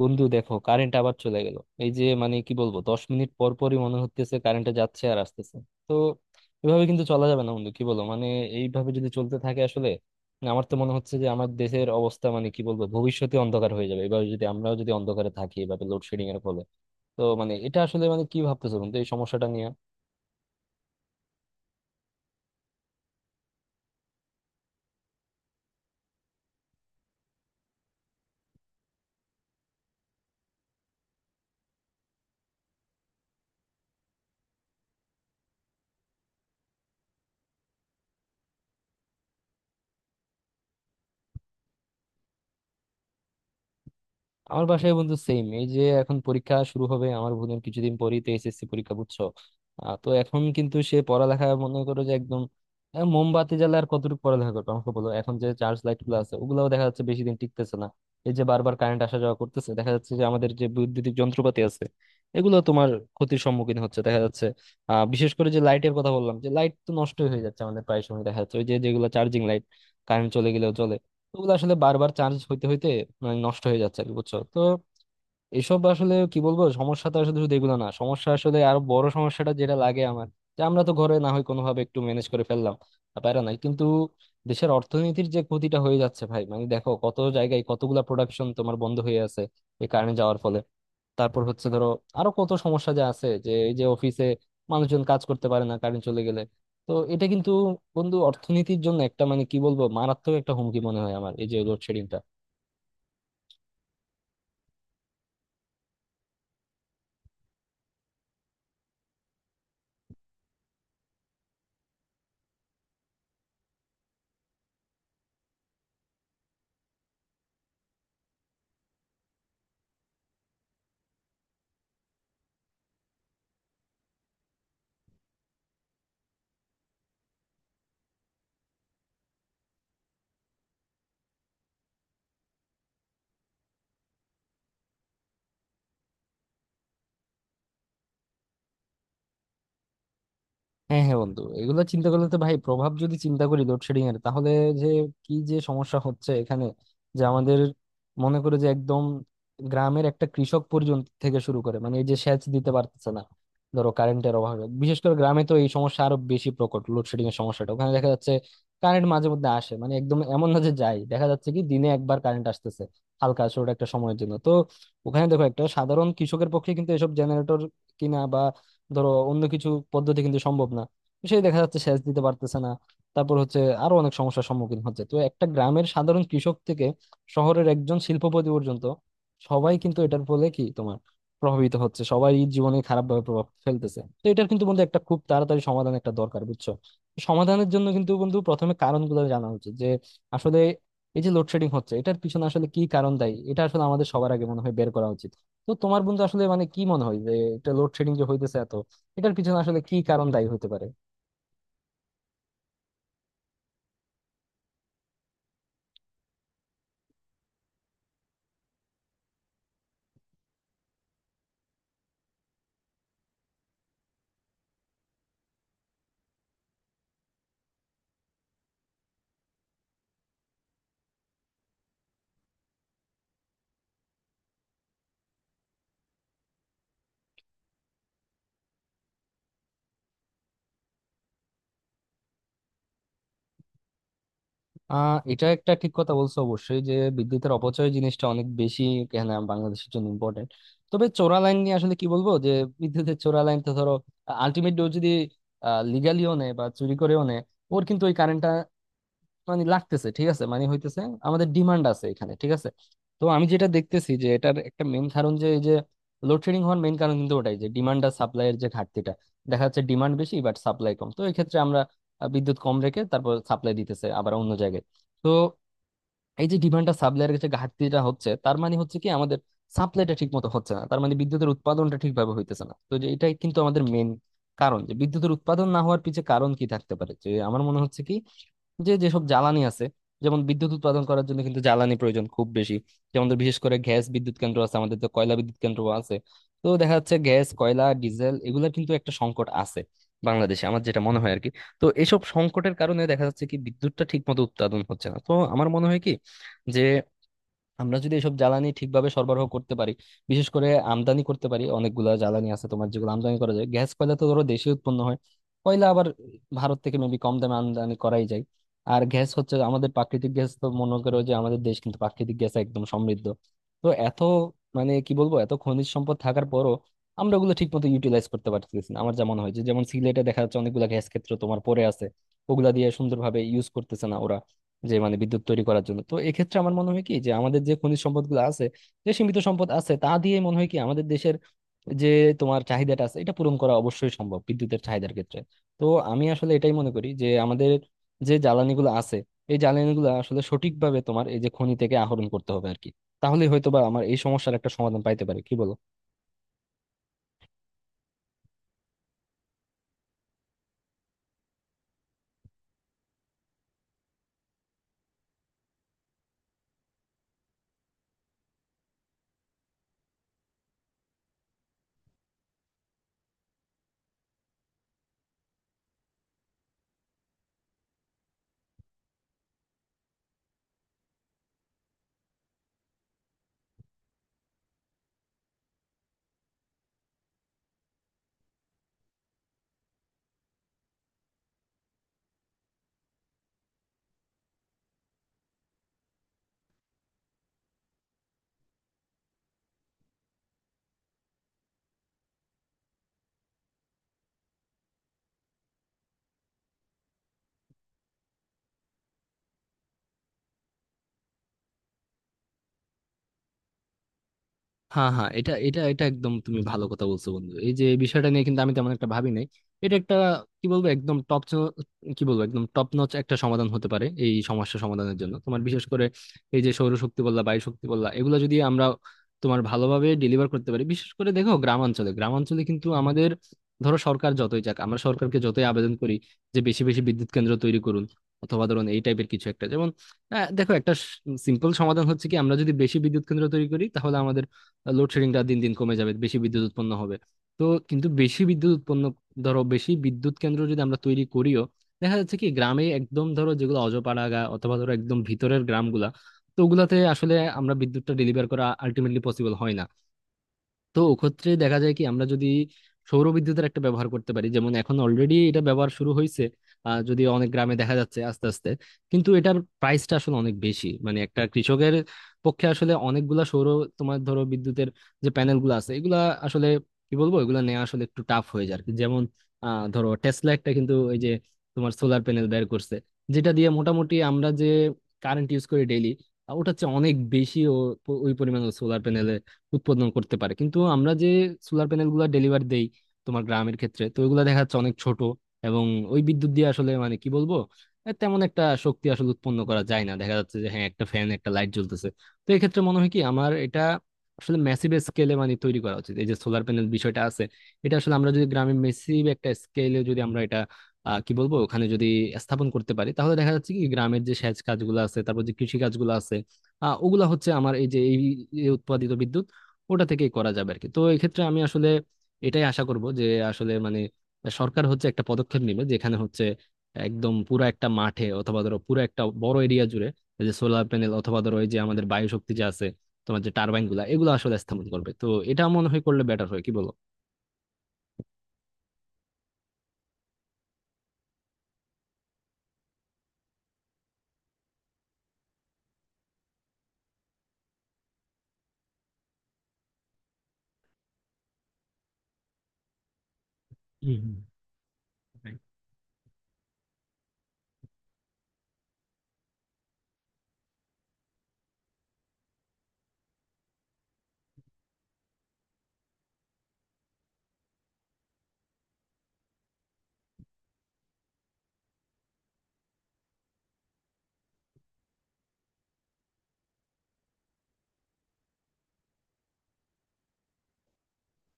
বন্ধু দেখো, কারেন্ট আবার চলে গেল। এই যে মানে কি বলবো, 10 মিনিট পর পরই মনে হচ্ছে কারেন্টটা যাচ্ছে আর আসতেছে। তো এভাবে কিন্তু চলা যাবে না বন্ধু, কি বলো? মানে এইভাবে যদি চলতে থাকে আসলে, আমার তো মনে হচ্ছে যে আমার দেশের অবস্থা মানে কি বলবো ভবিষ্যতে অন্ধকার হয়ে যাবে, এভাবে যদি আমরাও যদি অন্ধকারে থাকি এভাবে লোডশেডিং এর ফলে। তো মানে এটা আসলে মানে কি ভাবতেছো বন্ধু এই সমস্যাটা নিয়ে? আমার বাসায় বন্ধু সেম। এই যে এখন পরীক্ষা শুরু হবে আমার বোনের, কিছুদিন পরেই তো এসএসসি পরীক্ষা, বুঝছো? তো এখন কিন্তু সে পড়ালেখা মনে করো যে একদম মোমবাতি জ্বালা আর কতটুকু পড়ালেখা করবে আমাকে বলো। এখন যে চার্জ লাইট গুলো আছে ওগুলাও দেখা যাচ্ছে বেশি দিন টিকতেছে না। এই যে বারবার কারেন্ট আসা যাওয়া করতেছে, দেখা যাচ্ছে যে আমাদের যে বৈদ্যুতিক যন্ত্রপাতি আছে এগুলো তোমার ক্ষতির সম্মুখীন হচ্ছে দেখা যাচ্ছে। বিশেষ করে যে লাইটের কথা বললাম, যে লাইট তো নষ্ট হয়ে যাচ্ছে আমাদের প্রায় সময় দেখা যাচ্ছে, ওই যে যেগুলো চার্জিং লাইট কারেন্ট চলে গেলেও চলে, ওগুলো আসলে বারবার চার্জ হইতে হইতে মানে নষ্ট হয়ে যাচ্ছে আর কি, বুঝছো তো। এসব আসলে কি বলবো সমস্যা, তো আসলে শুধু এগুলো না, সমস্যা আসলে আরো বড় সমস্যাটা যেটা লাগে আমার, যে আমরা তো ঘরে না হয় কোনোভাবে একটু ম্যানেজ করে ফেললাম, আর প্যারা নাই কিন্তু দেশের অর্থনীতির যে ক্ষতিটা হয়ে যাচ্ছে ভাই, মানে দেখো কত জায়গায় কতগুলা প্রোডাকশন তোমার বন্ধ হয়ে আছে এই কারেন্ট যাওয়ার ফলে। তারপর হচ্ছে ধরো আরো কত সমস্যা যে আছে, যে এই যে অফিসে মানুষজন কাজ করতে পারে না কারেন্ট চলে গেলে। তো এটা কিন্তু বন্ধু অর্থনীতির জন্য একটা মানে কি বলবো মারাত্মক একটা হুমকি মনে হয় আমার এই যে লোডশেডিং। হ্যাঁ হ্যাঁ বন্ধু, এগুলো চিন্তা করলে তো ভাই, প্রভাব যদি চিন্তা করি লোডশেডিং এর, তাহলে যে কি যে সমস্যা হচ্ছে এখানে, যে আমাদের মনে করে যে একদম গ্রামের একটা কৃষক পর্যন্ত থেকে শুরু করে মানে এই যে সেচ দিতে পারতেছে না ধরো কারেন্টের অভাবে। বিশেষ করে গ্রামে তো এই সমস্যা আরো বেশি প্রকট, লোডশেডিং এর সমস্যাটা ওখানে দেখা যাচ্ছে। কারেন্ট মাঝে মধ্যে আসে, মানে একদম এমন না যে যায়, দেখা যাচ্ছে কি দিনে একবার কারেন্ট আসতেছে হালকা ছোট একটা সময়ের জন্য। তো ওখানে দেখো একটা সাধারণ কৃষকের পক্ষে কিন্তু এসব জেনারেটর কিনা ধরো অন্য কিছু পদ্ধতি কিন্তু সম্ভব না। তো সেই দেখা যাচ্ছে সেচ দিতে পারতেছে না। তারপর হচ্ছে আরো অনেক সমস্যার সম্মুখীন হচ্ছে। তো একটা গ্রামের সাধারণ কৃষক থেকে শহরের একজন শিল্পপতি পর্যন্ত সবাই কিন্তু এটার ফলে কি তোমার প্রভাবিত হচ্ছে, সবাই জীবনে খারাপ ভাবে প্রভাব ফেলতেছে। তো এটার কিন্তু বন্ধু একটা খুব তাড়াতাড়ি সমাধান একটা দরকার, বুঝছো? সমাধানের জন্য কিন্তু বন্ধু প্রথমে কারণগুলো জানা উচিত, যে আসলে এই যে লোডশেডিং হচ্ছে এটার পিছনে আসলে কি কারণ দায়ী, এটা আসলে আমাদের সবার আগে মনে হয় বের করা উচিত। তো তোমার বন্ধু আসলে মানে কি মনে হয় যে এটা লোডশেডিং যে হইতেছে এত, এটার পিছনে আসলে কি কারণ দায়ী হতে পারে? এটা একটা ঠিক কথা বলছো, অবশ্যই যে বিদ্যুতের অপচয় জিনিসটা অনেক বেশি, এখানে বাংলাদেশের জন্য ইম্পর্টেন্ট। তবে চোরা লাইন নিয়ে আসলে কি বলবো যে বিদ্যুতের চোরা লাইন তো ধরো আলটিমেটলি যদি লিগালিও নেয় বা চুরি করেও নেয়, ওর কিন্তু ওই কারেন্টটা মানে লাগতেছে, ঠিক আছে, মানে হইতেছে, আমাদের ডিমান্ড আছে এখানে, ঠিক আছে। তো আমি যেটা দেখতেছি যে এটার একটা মেইন কারণ যে এই যে লোডশেডিং হওয়ার মেইন কারণ কিন্তু ওটাই, যে ডিমান্ড আর সাপ্লাই এর যে ঘাটতিটা, দেখা যাচ্ছে ডিমান্ড বেশি বাট সাপ্লাই কম। তো এই ক্ষেত্রে আমরা বিদ্যুৎ কম রেখে তারপর সাপ্লাই দিতেছে আবার অন্য জায়গায়। তো এই যে ডিমান্ডটা সাপ্লাইয়ের কাছে ঘাটতিটা হচ্ছে, তার মানে হচ্ছে কি আমাদের সাপ্লাইটা ঠিক মতো হচ্ছে না, তার মানে বিদ্যুতের উৎপাদনটা ঠিকভাবে হইতেছে না। তো যে এটাই কিন্তু আমাদের মেন কারণ, যে বিদ্যুতের উৎপাদন না হওয়ার পিছে কারণ কি থাকতে পারে? যে আমার মনে হচ্ছে কি যে যেসব জ্বালানি আছে, যেমন বিদ্যুৎ উৎপাদন করার জন্য কিন্তু জ্বালানি প্রয়োজন খুব বেশি, যেমন ধর বিশেষ করে গ্যাস বিদ্যুৎ কেন্দ্র আছে আমাদের, তো কয়লা বিদ্যুৎ কেন্দ্র আছে। তো দেখা যাচ্ছে গ্যাস, কয়লা, ডিজেল এগুলোর কিন্তু একটা সংকট আছে বাংলাদেশে, আমার যেটা মনে হয় আর কি। তো এসব সংকটের কারণে দেখা যাচ্ছে কি বিদ্যুৎটা ঠিক মতো উৎপাদন হচ্ছে না। তো আমার মনে হয় কি যে আমরা যদি এসব জ্বালানি ঠিকভাবে সরবরাহ করতে পারি, বিশেষ করে আমদানি করতে পারি, অনেকগুলা জ্বালানি আছে তোমার যেগুলো আমদানি করা যায়, গ্যাস কয়লা তো ধরো দেশে উৎপন্ন হয়, কয়লা আবার ভারত থেকে মেবি কম দামে আমদানি করাই যায়। আর গ্যাস হচ্ছে আমাদের প্রাকৃতিক গ্যাস, তো মনে করো যে আমাদের দেশ কিন্তু প্রাকৃতিক গ্যাস একদম সমৃদ্ধ। তো এত মানে কি বলবো এত খনিজ সম্পদ থাকার পরও আমরা ওগুলো ঠিক মতো ইউটিলাইজ করতে পারতেছি না। আমার যেমন হয় যে যেমন সিলেটে দেখা যাচ্ছে অনেকগুলো গ্যাস ক্ষেত্র তোমার পড়ে আছে, ওগুলা দিয়ে সুন্দরভাবে ইউজ করতেছে না ওরা, যে মানে বিদ্যুৎ তৈরি করার জন্য। তো এক্ষেত্রে আমার মনে হয় কি যে আমাদের যে খনিজ সম্পদগুলো আছে, যে সীমিত সম্পদ আছে তা দিয়ে মনে হয় কি আমাদের দেশের যে তোমার চাহিদাটা আছে এটা পূরণ করা অবশ্যই সম্ভব, বিদ্যুতের চাহিদার ক্ষেত্রে। তো আমি আসলে এটাই মনে করি যে আমাদের যে জ্বালানিগুলো আছে, এই জ্বালানিগুলো আসলে সঠিকভাবে তোমার এই যে খনি থেকে আহরণ করতে হবে আর কি, তাহলে হয়তো বা আমার এই সমস্যার একটা সমাধান পাইতে পারে, কি বলো? হ্যাঁ হ্যাঁ, এটা এটা এটা একদম তুমি ভালো কথা বলছো বন্ধু, এই যে বিষয়টা নিয়ে কিন্তু আমি তেমন একটা ভাবি নাই। এটা একটা কি বলবো একদম টপ, কি বলবো একদম টপ নচ একটা সমাধান হতে পারে এই সমস্যা সমাধানের জন্য। তোমার বিশেষ করে এই যে সৌরশক্তি বললা, বায়ু শক্তি বললা, এগুলো যদি আমরা তোমার ভালোভাবে ডেলিভার করতে পারি, বিশেষ করে দেখো গ্রামাঞ্চলে গ্রামাঞ্চলে কিন্তু আমাদের ধরো সরকার যতই যাক, আমরা সরকারকে যতই আবেদন করি যে বেশি বেশি বিদ্যুৎ কেন্দ্র তৈরি করুন অথবা ধরুন এই টাইপের কিছু একটা, যেমন দেখো একটা সিম্পল সমাধান হচ্ছে কি আমরা যদি বেশি বিদ্যুৎ কেন্দ্র তৈরি করি তাহলে আমাদের লোডশেডিংটা দিন দিন কমে যাবে, বেশি বিদ্যুৎ উৎপন্ন হবে। তো কিন্তু বেশি বিদ্যুৎ উৎপন্ন ধরো বেশি বিদ্যুৎ কেন্দ্র যদি আমরা তৈরি করিও, দেখা যাচ্ছে কি গ্রামে একদম ধরো যেগুলো অজপাড়াগা অথবা ধরো একদম ভিতরের গ্রামগুলা, তো ওগুলাতে আসলে আমরা বিদ্যুৎটা ডেলিভার করা আলটিমেটলি পসিবল হয় না। তো ওক্ষেত্রে দেখা যায় কি আমরা যদি সৌরবিদ্যুতের একটা ব্যবহার করতে পারি, যেমন এখন অলরেডি এটা ব্যবহার শুরু হয়েছে যদি অনেক গ্রামে দেখা যাচ্ছে আস্তে আস্তে, কিন্তু এটার প্রাইসটা আসলে অনেক বেশি। মানে একটা কৃষকের পক্ষে আসলে অনেকগুলা সৌর তোমার ধরো বিদ্যুতের যে প্যানেলগুলো আছে, এগুলা আসলে কি বলবো এগুলা নেওয়া আসলে একটু টাফ হয়ে যায় আর কি। যেমন ধরো টেসলা একটা কিন্তু ওই যে তোমার সোলার প্যানেল বের করছে যেটা দিয়ে মোটামুটি আমরা যে কারেন্ট ইউজ করি ডেইলি, ওটা হচ্ছে অনেক বেশি, ও ওই পরিমাণ সোলার প্যানেল উৎপাদন করতে পারে। কিন্তু আমরা যে সোলার প্যানেল গুলা ডেলিভার দেই তোমার গ্রামের ক্ষেত্রে, তো ওইগুলা দেখা যাচ্ছে অনেক ছোট, এবং ওই বিদ্যুৎ দিয়ে আসলে মানে কি বলবো তেমন একটা শক্তি আসলে উৎপন্ন করা যায় না, দেখা যাচ্ছে যে হ্যাঁ একটা ফ্যান একটা লাইট জ্বলতেছে। তো এক্ষেত্রে মনে হয় কি আমার, এটা আসলে ম্যাসিভ স্কেলে মানে তৈরি করা উচিত এই যে সোলার প্যানেল বিষয়টা আছে, এটা আসলে আমরা যদি গ্রামে মেসিভ একটা স্কেলে যদি আমরা এটা কি বলবো ওখানে যদি স্থাপন করতে পারি, তাহলে দেখা যাচ্ছে কি গ্রামের যে সেচ কাজগুলো আছে তারপর যে কৃষি কাজগুলো আছে ওগুলা হচ্ছে আমার এই যে এই এই উৎপাদিত বিদ্যুৎ ওটা থেকেই করা যাবে আর কি। তো এক্ষেত্রে আমি আসলে এটাই আশা করব যে আসলে মানে সরকার হচ্ছে একটা পদক্ষেপ নেবে যেখানে হচ্ছে একদম পুরো একটা মাঠে অথবা ধরো পুরো একটা বড় এরিয়া জুড়ে এই যে সোলার প্যানেল অথবা ধরো এই যে আমাদের বায়ু শক্তি যে আছে, তোমার যে টারবাইন গুলা, এগুলো আসলে স্থাপন করবে। তো এটা মনে হয় করলে বেটার হয়, কি বলো? হম। হম।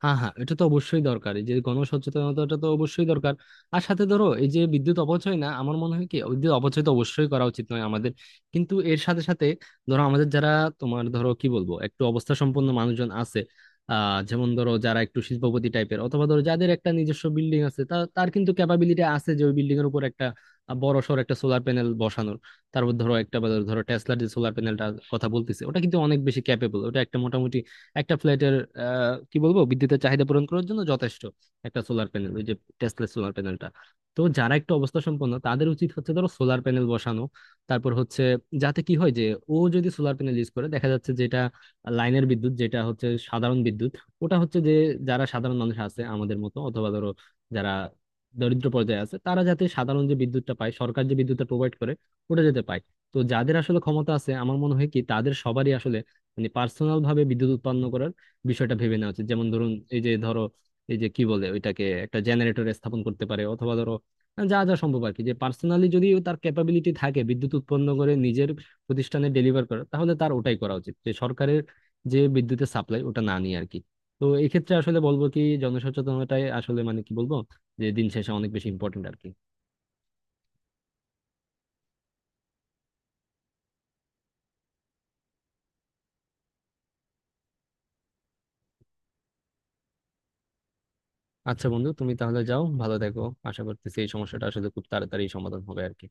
হ্যাঁ হ্যাঁ, এটা তো অবশ্যই দরকার, এই যে গণসচেতনতাটা তো অবশ্যই দরকার। আর সাথে ধরো এই যে বিদ্যুৎ অপচয় না, আমার মনে হয় কি বিদ্যুৎ অপচয় তো অবশ্যই করা উচিত নয় আমাদের, কিন্তু এর সাথে সাথে ধরো আমাদের যারা তোমার ধরো কি বলবো একটু অবস্থা সম্পন্ন মানুষজন আছে, যেমন ধরো যারা একটু শিল্পপতি টাইপের অথবা ধরো যাদের একটা নিজস্ব বিল্ডিং আছে, তা তার কিন্তু ক্যাপাবিলিটি আছে যে ওই বিল্ডিং এর উপর একটা বড় সড় একটা সোলার প্যানেল বসানোর। তারপর ধরো একটা বা ধরো টেসলার যে সোলার প্যানেলটার কথা বলতেছে, ওটা কিন্তু অনেক বেশি ক্যাপেবল, ওটা একটা মোটামুটি একটা ফ্ল্যাটের কি বলবো বিদ্যুতের চাহিদা পূরণ করার জন্য যথেষ্ট একটা সোলার প্যানেল ওই যে টেসলা সোলার প্যানেলটা। তো যারা একটু অবস্থা সম্পন্ন, তাদের উচিত হচ্ছে ধরো সোলার প্যানেল বসানো। তারপর হচ্ছে যাতে কি হয় যে ও যদি সোলার প্যানেল ইউজ করে দেখা যাচ্ছে যেটা লাইনের বিদ্যুৎ যেটা হচ্ছে সাধারণ বিদ্যুৎ, ওটা হচ্ছে যে যারা সাধারণ মানুষ আছে আমাদের মতো অথবা ধরো যারা দরিদ্র পর্যায়ে আছে, তারা যাতে সাধারণ যে বিদ্যুৎটা পায়, সরকার যে বিদ্যুৎটা প্রোভাইড করে ওটা যাতে পায়। তো যাদের আসলে ক্ষমতা আছে, আমার মনে হয় কি তাদের সবারই আসলে মানে পার্সোনাল ভাবে বিদ্যুৎ উৎপন্ন করার বিষয়টা ভেবে নেওয়া উচিত, যেমন ধরুন এই যে ধরো এই যে কি বলে ওইটাকে একটা জেনারেটর স্থাপন করতে পারে অথবা ধরো যা যা সম্ভব আর কি, যে পার্সোনালি যদি তার ক্যাপাবিলিটি থাকে বিদ্যুৎ উৎপন্ন করে নিজের প্রতিষ্ঠানে ডেলিভার করা, তাহলে তার ওটাই করা উচিত, যে সরকারের যে বিদ্যুতের সাপ্লাই ওটা না নিয়ে আর কি। তো এই ক্ষেত্রে আসলে বলবো কি জনসচেতনতাই আসলে মানে কি বলবো যে দিন শেষে অনেক বেশি ইম্পর্টেন্ট আর কি। আচ্ছা বন্ধু, তুমি তাহলে যাও, ভালো দেখো। আশা করতেছি এই সমস্যাটা আসলে খুব তাড়াতাড়ি সমাধান হবে আর কি।